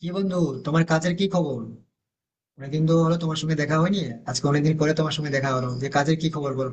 কি বন্ধু, তোমার কাজের কি খবর? অনেকদিন তো হলো তোমার সঙ্গে দেখা হয়নি। আজকে অনেকদিন পরে তোমার সঙ্গে দেখা হলো, যে কাজের কি খবর বলো।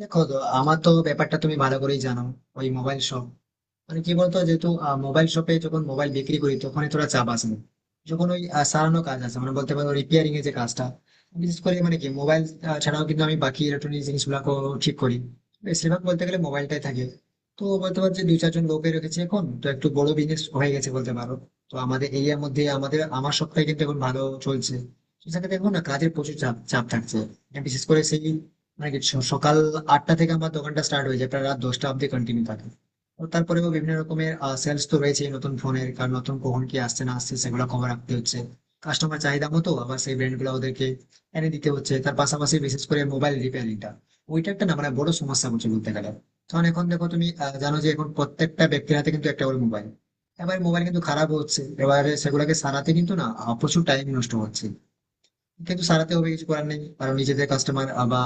দেখো তো, আমার তো ব্যাপারটা তুমি ভালো করেই জানো। ওই মোবাইল শপ, মানে কি বলতো, যেহেতু মোবাইল শপে যখন মোবাইল বিক্রি করি তখন তোরা চাপ আসে না। যখন ওই সারানো কাজ আছে, মানে বলতে পারো রিপেয়ারিং এর যে কাজটা, বিশেষ করে মানে কি মোবাইল ছাড়াও কিন্তু আমি বাকি ইলেকট্রনিক জিনিসগুলো ঠিক করি, বেশিরভাগ বলতে গেলে মোবাইলটাই থাকে। তো বলতে পারো যে দুই চারজন লোকে রেখেছে, এখন তো একটু বড় বিজনেস হয়ে গেছে বলতে পারো। তো আমাদের এরিয়ার মধ্যে আমাদের আমার সবটাই কিন্তু এখন ভালো চলছে। তো সেক্ষেত্রে দেখো না, কাজের প্রচুর চাপ চাপ থাকছে, বিশেষ করে সেই মানে কি সকাল 8টা থেকে আমার দোকানটা স্টার্ট হয়ে যায়, প্রায় রাত 10টা অব্দি কন্টিনিউ থাকে। ও তারপরেও বিভিন্ন রকমের সেলস তো রয়েছে নতুন ফোনের, কারণ নতুন কখন কি আসছে না আসছে সেগুলো খবর রাখতে হচ্ছে, কাস্টমার চাহিদা মতো আবার সেই ব্র্যান্ড গুলো ওদেরকে এনে দিতে হচ্ছে। তার পাশাপাশি বিশেষ করে মোবাইল রিপেয়ারিংটা, ওইটা একটা না মানে বড় সমস্যা বলছে বলতে গেলে। কারণ এখন দেখো, তুমি জানো যে এখন প্রত্যেকটা ব্যক্তির হাতে কিন্তু একটা করে মোবাইল। এবার মোবাইল কিন্তু খারাপ হচ্ছে, এবারে সেগুলোকে সারাতে কিন্তু না প্রচুর টাইম নষ্ট হচ্ছে, কিন্তু সারাতে হবে, কিছু করার নেই, কারণ নিজেদের কাস্টমার। বা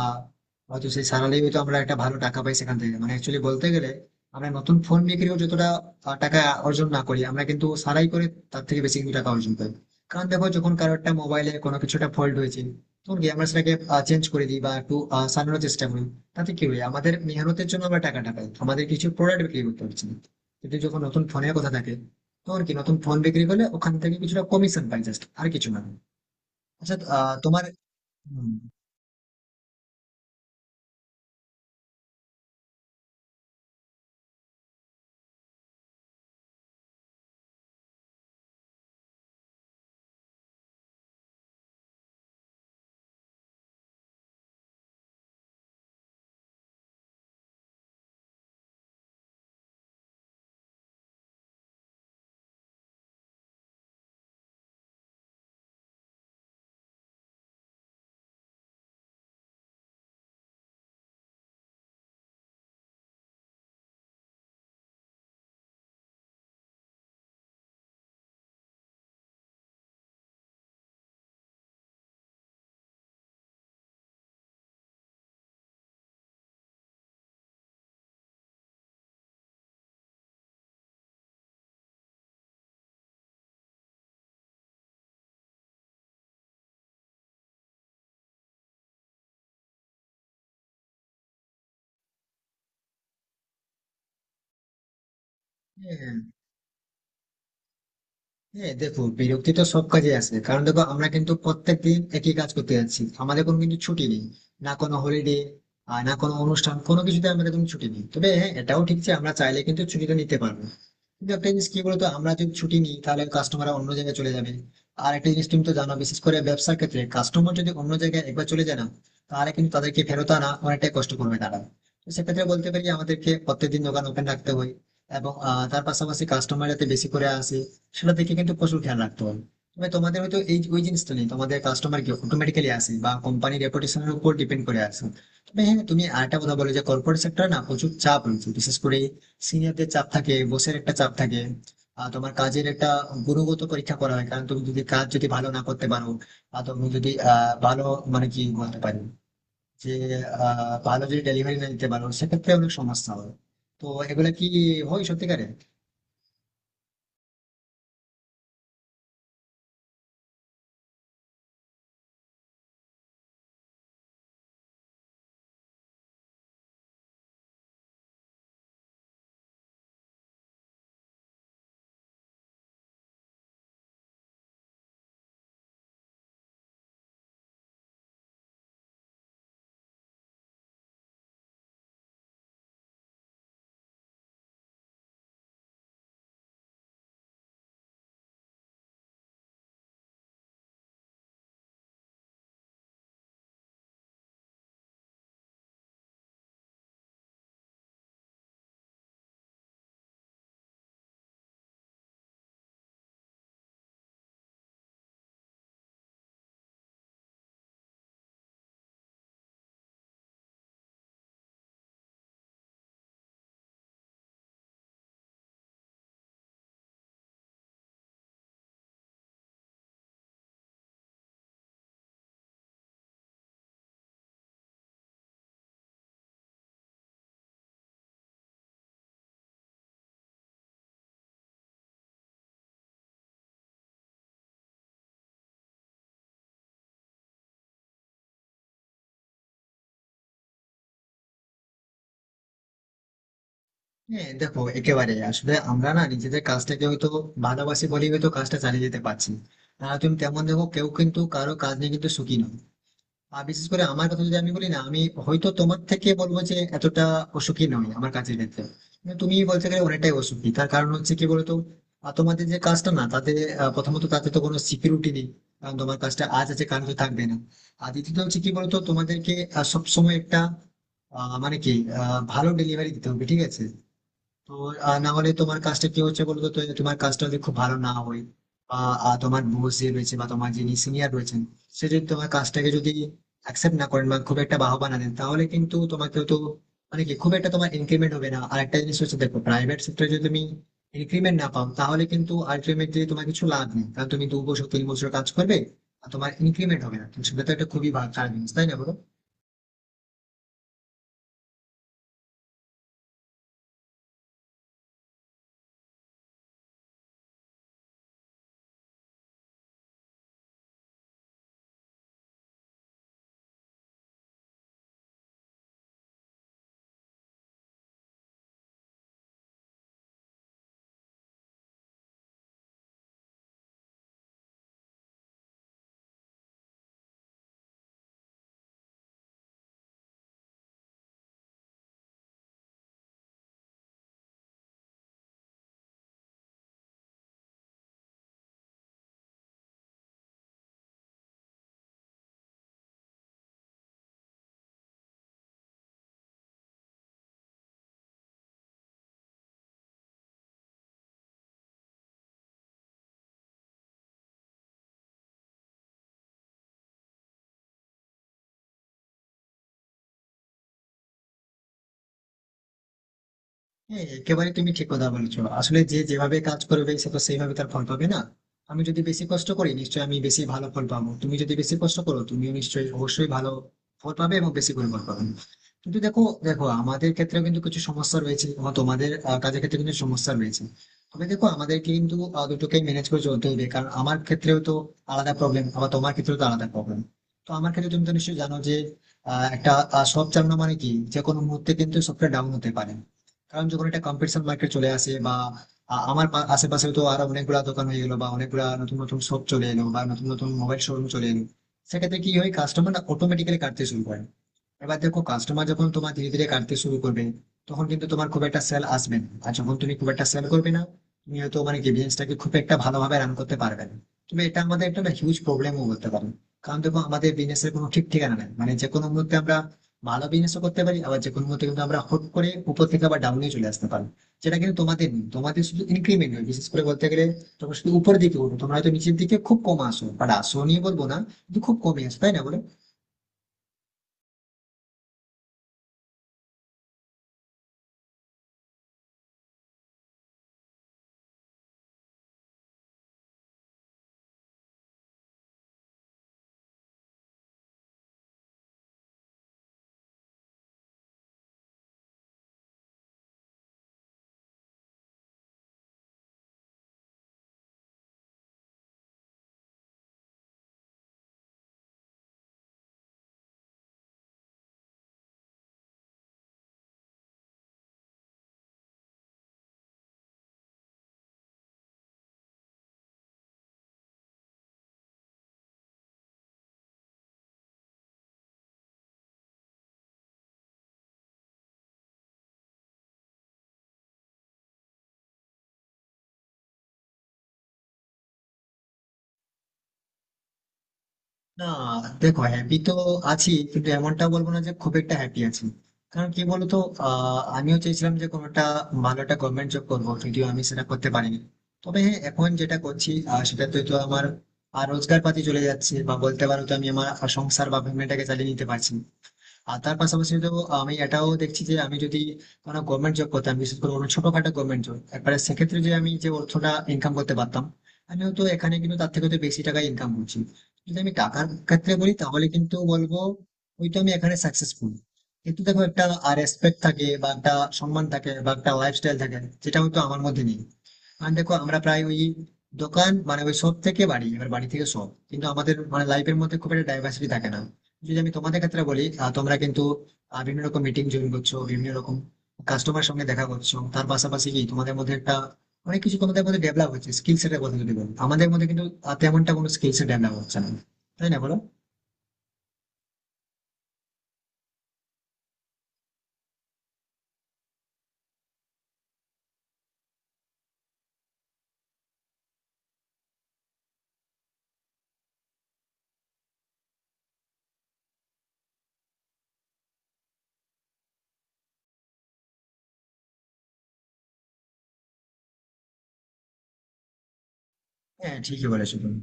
হয়তো সেই সারালেই হয়তো আমরা একটা ভালো টাকা পাই সেখান থেকে, মানে অ্যাকচুয়ালি বলতে গেলে আমরা নতুন ফোন বিক্রিও যতটা টাকা অর্জন না করি, আমরা কিন্তু সারাই করে তার থেকে বেশি কিন্তু টাকা অর্জন করি। কারণ দেখো, যখন কারো একটা মোবাইলে কোনো কিছুটা ফল্ট হয়েছে, তখন কি আমরা সেটাকে চেঞ্জ করে দিই বা একটু সারানোর চেষ্টা করি, তাতে কি হয়, আমাদের মেহনতের জন্য আমরা টাকাটা পাই, আমাদের কিছু প্রোডাক্ট বিক্রি করতে পারছি না। কিন্তু যখন নতুন ফোনের কথা থাকে, তখন কি নতুন ফোন বিক্রি করলে ওখান থেকে কিছুটা কমিশন পাই, জাস্ট আর কিছু না। আচ্ছা তোমার। হুম। হ্যাঁ। হ্যাঁ দেখো, বিরক্তি তো সব কাজে আসে, কারণ দেখো আমরা কিন্তু প্রত্যেক দিন একই কাজ করতে যাচ্ছি, আমাদের কোনো কিন্তু ছুটি নেই, না কোনো হলিডে আর না কোনো অনুষ্ঠান, কোনো কিছুতে আমরা কিন্তু ছুটি নেই। তবে হ্যাঁ, এটাও ঠিক যে আমরা চাইলে কিন্তু ছুটিটা নিতে পারবো, কিন্তু একটা জিনিস কি বলতো, আমরা যদি ছুটি নিই তাহলে কাস্টমার অন্য জায়গায় চলে যাবে। আর একটা জিনিস তুমি তো জানো, বিশেষ করে ব্যবসার ক্ষেত্রে কাস্টমার যদি অন্য জায়গায় একবার চলে যায় না, তাহলে কিন্তু তাদেরকে ফেরত আনা অনেকটাই কষ্ট করবে তারা। তো সেক্ষেত্রে বলতে পারি, আমাদেরকে প্রত্যেকদিন দোকান ওপেন রাখতে হয়, এবং তার পাশাপাশি কাস্টমার যাতে বেশি করে আসে সেটা দেখে কিন্তু প্রচুর খেয়াল রাখতে হয়। তবে তোমাদের হয়তো এই ওই জিনিসটা নেই, তোমাদের কাস্টমার কি অটোমেটিক্যালি আসে বা কোম্পানির রেপুটেশনের উপর ডিপেন্ড করে আসে। তবে হ্যাঁ তুমি আরেকটা কথা বলো, যে কর্পোরেট সেক্টরে না প্রচুর চাপ রয়েছে, বিশেষ করে সিনিয়রদের চাপ থাকে, বসের একটা চাপ থাকে, আর তোমার কাজের একটা গুণগত পরীক্ষা করা হয়। কারণ তুমি যদি কাজ যদি ভালো না করতে পারো বা তুমি যদি ভালো, মানে কি বলতে পারি, যে ভালো যদি ডেলিভারি না দিতে পারো, সেক্ষেত্রে অনেক সমস্যা হয়। তো এগুলা কি হয় সত্যিকারে? হ্যাঁ দেখো, একেবারে, আসলে আমরা না নিজেদের কাজটাকে হয়তো ভালোবাসি বলেই হয়তো কাজটা চালিয়ে যেতে পারছি। না তুমি তেমন দেখো, কেউ কিন্তু কারো কাজ নিয়ে কিন্তু সুখী নয়। আর বিশেষ করে আমার কথা যদি আমি বলি না, আমি হয়তো তোমার থেকে বলবো যে এতটা অসুখী নয় আমার কাজের ক্ষেত্রে। কিন্তু তুমি বলতে গেলে অনেকটাই অসুখী, তার কারণ হচ্ছে কি বলতো, তোমাদের যে কাজটা না তাতে প্রথমত তাতে তো কোনো সিকিউরিটি নেই, কারণ তোমার কাজটা আজ আছে কাল তো থাকবে না। আর দ্বিতীয়ত হচ্ছে কি বলতো, তোমাদেরকে সবসময় একটা আহ, মানে কি আহ, ভালো ডেলিভারি দিতে হবে, ঠিক আছে। তো না হলে তোমার কাজটা কি হচ্ছে বলতো, তো তোমার কাজটা যদি খুব ভালো না হয়, বা তোমার বস যে রয়েছে বা তোমার যিনি সিনিয়র রয়েছেন, সে যদি তোমার কাজটাকে যদি অ্যাকসেপ্ট না করেন বা খুব একটা বাহবা না দেন, তাহলে কিন্তু তোমাকে তো মানে কি খুব একটা তোমার ইনক্রিমেন্ট হবে না। আর একটা জিনিস হচ্ছে, দেখো প্রাইভেট সেক্টরে যদি তুমি ইনক্রিমেন্ট না পাও, তাহলে কিন্তু আলটিমেটলি তোমার কিছু লাভ নেই, কারণ তুমি 2 বছর 3 বছর কাজ করবে আর তোমার ইনক্রিমেন্ট হবে না, তো সেটা তো একটা খুবই খারাপ জিনিস, তাই না বলো? হ্যাঁ একেবারে তুমি ঠিক কথা বলেছো। আসলে যে যেভাবে কাজ করবে সে তো সেইভাবে তার ফল পাবে না। আমি যদি বেশি কষ্ট করি নিশ্চয়ই আমি বেশি ভালো ফল পাবো, তুমি যদি বেশি কষ্ট করো তুমিও নিশ্চয়ই অবশ্যই ভালো ফল পাবে এবং বেশি করে ফল পাবে। কিন্তু দেখো, দেখো আমাদের ক্ষেত্রে কিন্তু কিছু সমস্যা রয়েছে এবং তোমাদের কাজের ক্ষেত্রে কিন্তু সমস্যা রয়েছে। তবে দেখো আমাদের কিন্তু দুটোকেই ম্যানেজ করে চলতে হবে, কারণ আমার ক্ষেত্রেও তো আলাদা প্রবলেম, আবার তোমার ক্ষেত্রেও তো আলাদা প্রবলেম। তো আমার ক্ষেত্রে তুমি তো নিশ্চয়ই জানো যে সব চালানো মানে কি, যে কোনো মুহূর্তে কিন্তু সফটওয়্যার ডাউন হতে পারে। কারণ যখন এটা কম্পিটিশন মার্কেট চলে আসে বা আমার আশেপাশে তো আরো অনেকগুলা দোকান হয়ে গেলো, বা অনেকগুলা নতুন নতুন শপ চলে এলো বা নতুন নতুন মোবাইল শোরুম চলে এলো, সেক্ষেত্রে কি হয়, কাস্টমার অটোমেটিক্যালি কাটতে শুরু করে। এবার দেখো, কাস্টমার যখন তোমার ধীরে ধীরে কাটতে শুরু করবে, তখন কিন্তু তোমার খুব একটা সেল আসবে না, আর যখন তুমি খুব একটা সেল করবে না, তুমি হয়তো মানে কি বিজনেসটাকে খুব একটা ভালোভাবে রান করতে পারবে না। তুমি এটা আমাদের একটা হিউজ প্রবলেমও বলতে পারো, কারণ দেখো আমাদের বিজনেসের কোনো ঠিক ঠিকানা নেই, মানে যে কোনো মুহূর্তে আমরা ভালো বিজনেসও করতে পারি, আবার যে কোনো মুহূর্তে কিন্তু আমরা হুট করে উপর থেকে আবার ডাউনে চলে আসতে পারি। যেটা কিন্তু তোমাদের নেই, তোমাদের শুধু ইনক্রিমেন্ট হয় বিশেষ করে বলতে গেলে, তোমরা শুধু উপরের দিকে উঠো, তোমরা হয়তো নিচের দিকে খুব কম আসো, বাট আসো নিয়ে বলবো না, কিন্তু খুব কমই আসো, তাই না বলো? না দেখো, হ্যাপি তো আছি, কিন্তু এমনটা বলবো না যে খুব একটা হ্যাপি আছি। কারণ কি বলতো, আমিও চেয়েছিলাম যে কোনোটা ভালো একটা গভর্নমেন্ট জব করবো, যদিও আমি সেটা করতে পারিনি। তবে হ্যাঁ এখন যেটা করছি সেটাতে তো আমার রোজগার পাতি চলে যাচ্ছে, বা বলতে পারো তো আমি আমার সংসার বা ফ্যামিলিটাকে চালিয়ে নিতে পারছি। আর তার পাশাপাশি তো আমি এটাও দেখছি, যে আমি যদি কোনো গভর্নমেন্ট জব করতাম, বিশেষ করে কোনো ছোটখাটো গভর্নমেন্ট জব, একবারে সেক্ষেত্রে যে আমি যে অর্থটা ইনকাম করতে পারতাম, আমি হয়তো এখানে কিন্তু তার থেকে তো বেশি টাকা ইনকাম করছি। যদি আমি টাকার ক্ষেত্রে বলি তাহলে কিন্তু বলবো ওই তো আমি এখানে সাকসেসফুল। কিন্তু দেখো, একটা রেসপেক্ট থাকে বা একটা সম্মান থাকে বা একটা লাইফস্টাইল থাকে, যেটা হয়তো আমার মধ্যে নেই। আর দেখো আমরা প্রায় ওই দোকান মানে ওই শপ থেকে বাড়ি, এবার বাড়ি থেকে শপ, কিন্তু আমাদের মানে লাইফের মধ্যে খুব একটা ডাইভার্সিটি থাকে না। যদি আমি তোমাদের ক্ষেত্রে বলি, তোমরা কিন্তু বিভিন্ন রকম মিটিং জয়েন করছো, বিভিন্ন রকম কাস্টমার সঙ্গে দেখা করছো, তার পাশাপাশি কি তোমাদের মধ্যে একটা অনেক কিছু তোমাদের মধ্যে ডেভেলপ হচ্ছে। স্কিল সেটের কথা যদি বলো আমাদের মধ্যে কিন্তু তেমনটা কোনো স্কিল সেট ডেভেলপ হচ্ছে না, তাই না বলো? হ্যাঁ ঠিকই বলেছো তুমি।